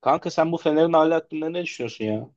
Kanka sen bu Fener'in hali hakkında ne düşünüyorsun ya?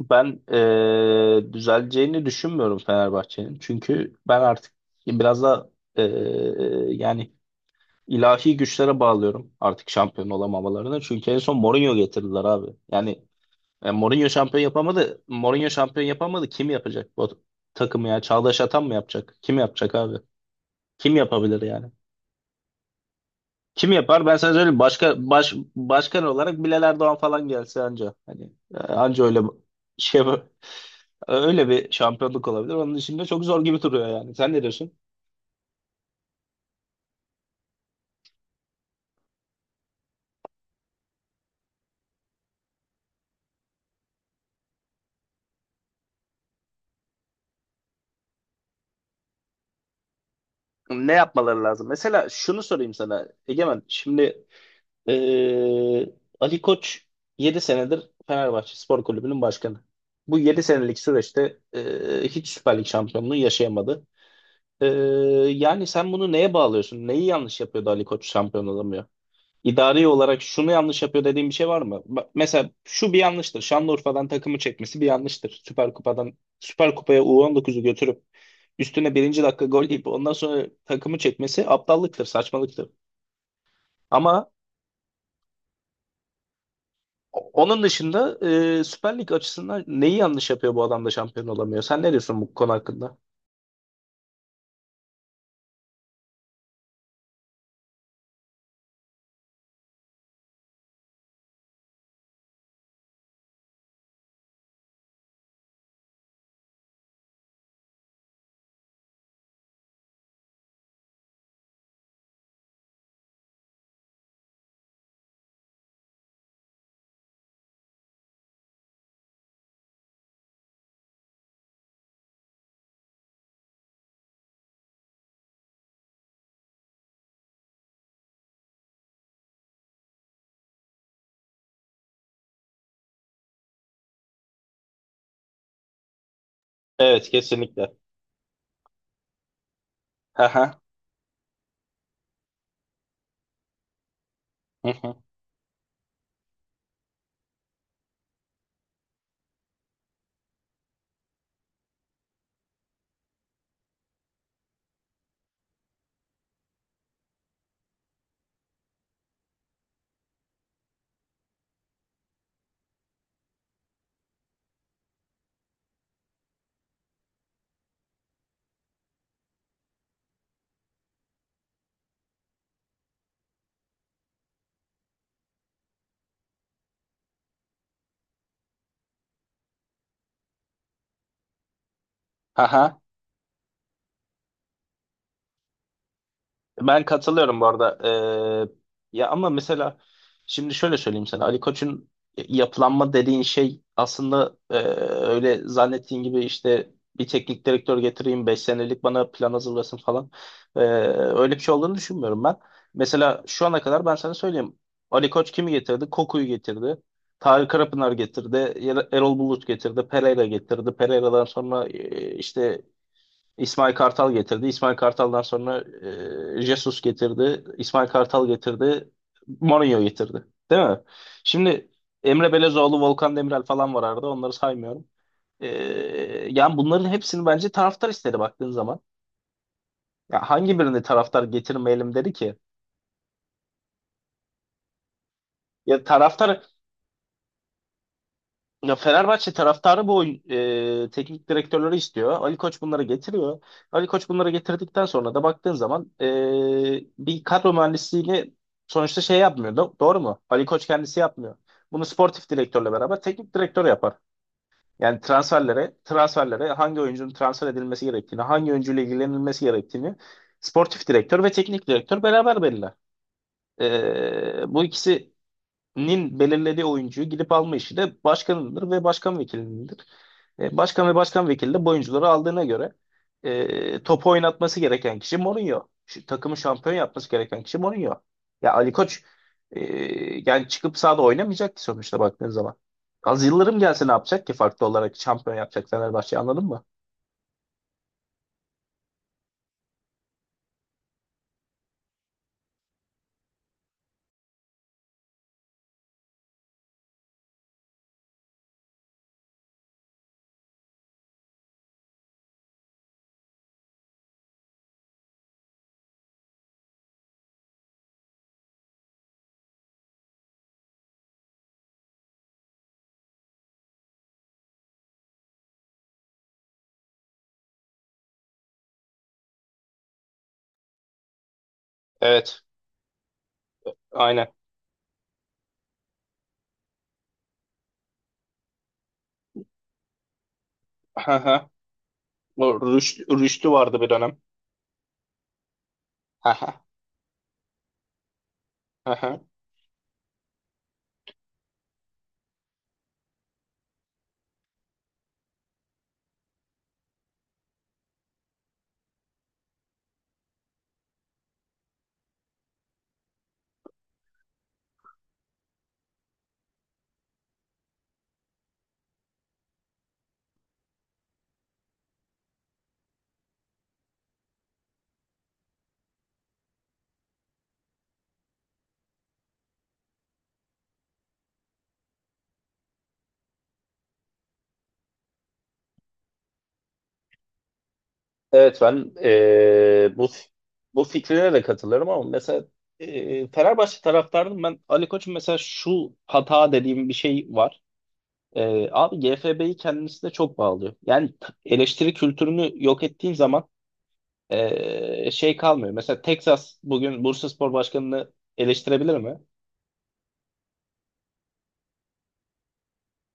Ben düzeleceğini düşünmüyorum Fenerbahçe'nin. Çünkü ben artık biraz da eee, yani ilahi güçlere bağlıyorum artık şampiyon olamamalarını. Çünkü en son Mourinho getirdiler abi. Yani Mourinho şampiyon yapamadı. Mourinho şampiyon yapamadı. Kim yapacak bu takımı ya? Çağdaş Atan mı yapacak? Kim yapacak abi? Kim yapabilir yani? Kim yapar? Ben sana söyleyeyim. Başkan olarak Bilal Erdoğan falan gelse anca. Hani anca öyle şey yapar. Öyle bir şampiyonluk olabilir. Onun dışında çok zor gibi duruyor yani. Sen ne diyorsun? Ne yapmaları lazım? Mesela şunu sorayım sana Egemen. Şimdi eee, Ali Koç 7 senedir Fenerbahçe Spor Kulübü'nün başkanı. Bu 7 senelik süreçte hiç Süper Lig şampiyonluğu yaşayamadı. Eee, yani sen bunu neye bağlıyorsun? Neyi yanlış yapıyordu Ali Koç şampiyon olamıyor? İdari olarak şunu yanlış yapıyor dediğim bir şey var mı? Mesela şu bir yanlıştır. Şanlıurfa'dan takımı çekmesi bir yanlıştır. Süper Kupa'dan Süper Kupa'ya U19'u götürüp üstüne birinci dakika gol yiyip ondan sonra takımı çekmesi aptallıktır, saçmalıktır. Ama onun dışında Süper Lig açısından neyi yanlış yapıyor bu adam da şampiyon olamıyor? Sen ne diyorsun bu konu hakkında? Evet, kesinlikle. Haha. Hı hı. Haha. Ben katılıyorum bu arada. Ya ama mesela şimdi şöyle söyleyeyim sana. Ali Koç'un yapılanma dediğin şey aslında öyle zannettiğin gibi işte bir teknik direktör getireyim 5 senelik bana plan hazırlasın falan. Ee, öyle bir şey olduğunu düşünmüyorum ben. Mesela şu ana kadar ben sana söyleyeyim. Ali Koç kimi getirdi? Koku'yu getirdi. Tarık Karapınar getirdi. Erol Bulut getirdi. Pereira getirdi. Pereira'dan sonra işte İsmail Kartal getirdi. İsmail Kartal'dan sonra Jesus getirdi. İsmail Kartal getirdi. Mourinho getirdi. Değil mi? Şimdi Emre Belezoğlu, Volkan Demirel falan var arada. Onları saymıyorum. E, yani bunların hepsini bence taraftar istedi baktığın zaman. Ya hangi birini taraftar getirmeyelim dedi ki? Ya taraftar Ya Fenerbahçe taraftarı teknik direktörleri istiyor. Ali Koç bunları getiriyor. Ali Koç bunları getirdikten sonra da baktığın zaman bir kadro mühendisliğini sonuçta şey yapmıyor, doğru mu? Ali Koç kendisi yapmıyor. Bunu sportif direktörle beraber teknik direktör yapar. Yani transferlere hangi oyuncunun transfer edilmesi gerektiğini, hangi oyuncuyla ilgilenilmesi gerektiğini sportif direktör ve teknik direktör beraber belirler. Bu ikisinin belirlediği oyuncuyu gidip alma işi de başkanındır ve başkan vekilindir. Başkan ve başkan vekili de bu oyuncuları aldığına göre topu oynatması gereken kişi Mourinho. Şu, takımı şampiyon yapması gereken kişi Mourinho. Ya Ali Koç e, yani çıkıp sahada oynamayacak ki sonuçta baktığın zaman. Az Yıldırım gelse ne yapacak ki farklı olarak şampiyon yapacak Fenerbahçe anladın mı? Evet, aynen. Hı hı. Bu Rüştü vardı bir dönem. Hı hı. Hı hı. Evet, ben bu fikrine de katılırım ama mesela Fenerbahçe taraftardım ben Ali Koç'un mesela şu hata dediğim bir şey var. Abi GFB'yi kendisine çok bağlıyor. Yani eleştiri kültürünü yok ettiğin zaman şey kalmıyor. Mesela Texas bugün Bursaspor Başkanı'nı eleştirebilir mi?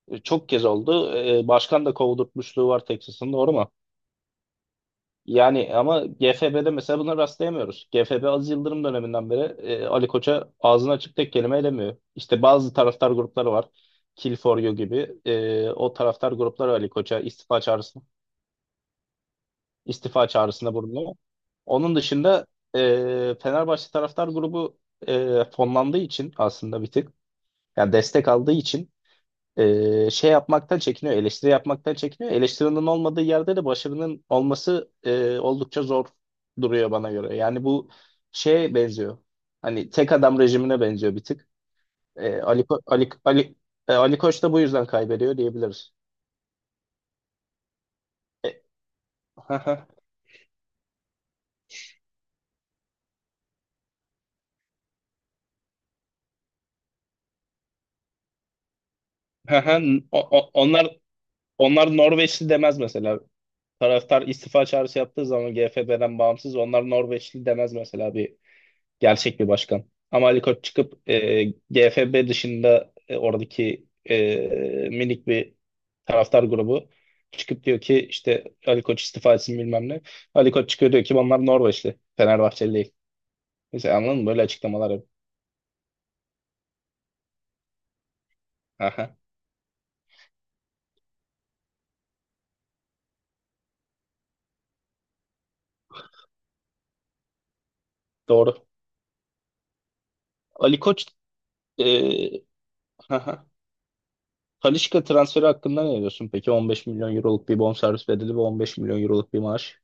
Çok kez oldu. Başkan da kovdurtmuşluğu var Texas'ın, doğru mu? Yani ama GFB'de mesela buna rastlayamıyoruz. GFB Aziz Yıldırım döneminden beri Ali Koç'a ağzını açık tek kelime edemiyor. İşte bazı taraftar grupları var. Kill for You gibi. O taraftar grupları Ali Koç'a istifa çağrısında bulunuyor. Onun dışında Fenerbahçe taraftar grubu fonlandığı için aslında bir tık, yani destek aldığı için şey yapmaktan çekiniyor, eleştiri yapmaktan çekiniyor. Eleştirinin olmadığı yerde de başarının olması oldukça zor duruyor bana göre. Yani bu şeye benziyor. Hani tek adam rejimine benziyor bir tık. E, Ali, Ko- Ali, Ali, e, Ali Koç da bu yüzden kaybediyor diyebiliriz. Haha. Haha. O- o- Onlar onlar Norveçli demez mesela. Taraftar istifa çağrısı yaptığı zaman GFB'den bağımsız onlar Norveçli demez mesela, bir gerçek bir başkan. Ama Ali Koç çıkıp GFB dışında oradaki minik bir taraftar grubu çıkıp diyor ki işte Ali Koç istifa etsin bilmem ne. Ali Koç çıkıyor diyor ki bunlar Norveçli, Fenerbahçeli değil. Mesela anladın mı? Böyle açıklamalar yap. Aha, doğru. Ali Koç e, aha. Talisca transferi hakkında ne diyorsun peki? 15 milyon euroluk bir bonservis bedeli ve 15 milyon euroluk bir maaş.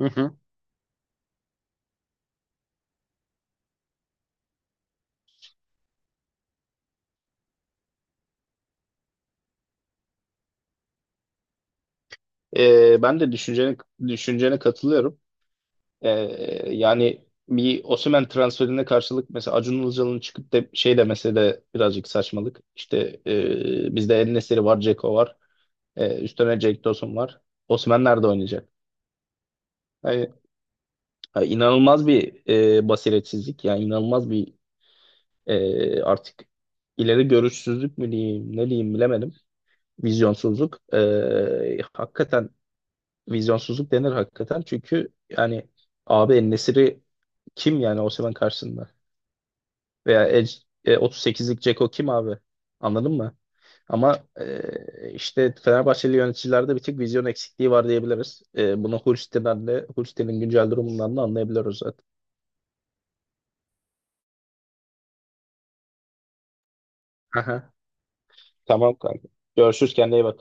Hı hı. Ben de düşüncene katılıyorum. Ee, yani bir Osimhen transferine karşılık mesela Acun Ilıcalı'nın çıkıp da şey demesi de birazcık saçmalık. İşte bizde El-Nesiri var, Dzeko var. Üstüne Cenk Tosun var. Osimhen nerede oynayacak? Yani, yani, inanılmaz bir basiretsizlik. Yani inanılmaz bir artık ileri görüşsüzlük mü diyeyim, ne diyeyim bilemedim. Vizyonsuzluk. Hakikaten vizyonsuzluk denir hakikaten. Çünkü yani abi El-Nesiri kim yani Osimhen karşısında? Veya 38'lik Ceko kim abi? Anladın mı? Ama işte Fenerbahçeli yöneticilerde bir tek vizyon eksikliği var diyebiliriz. Bunu Hulsti'nin güncel durumundan da anlayabiliyoruz zaten. Aha, tamam kanka. Görüşürüz, kendine iyi bak.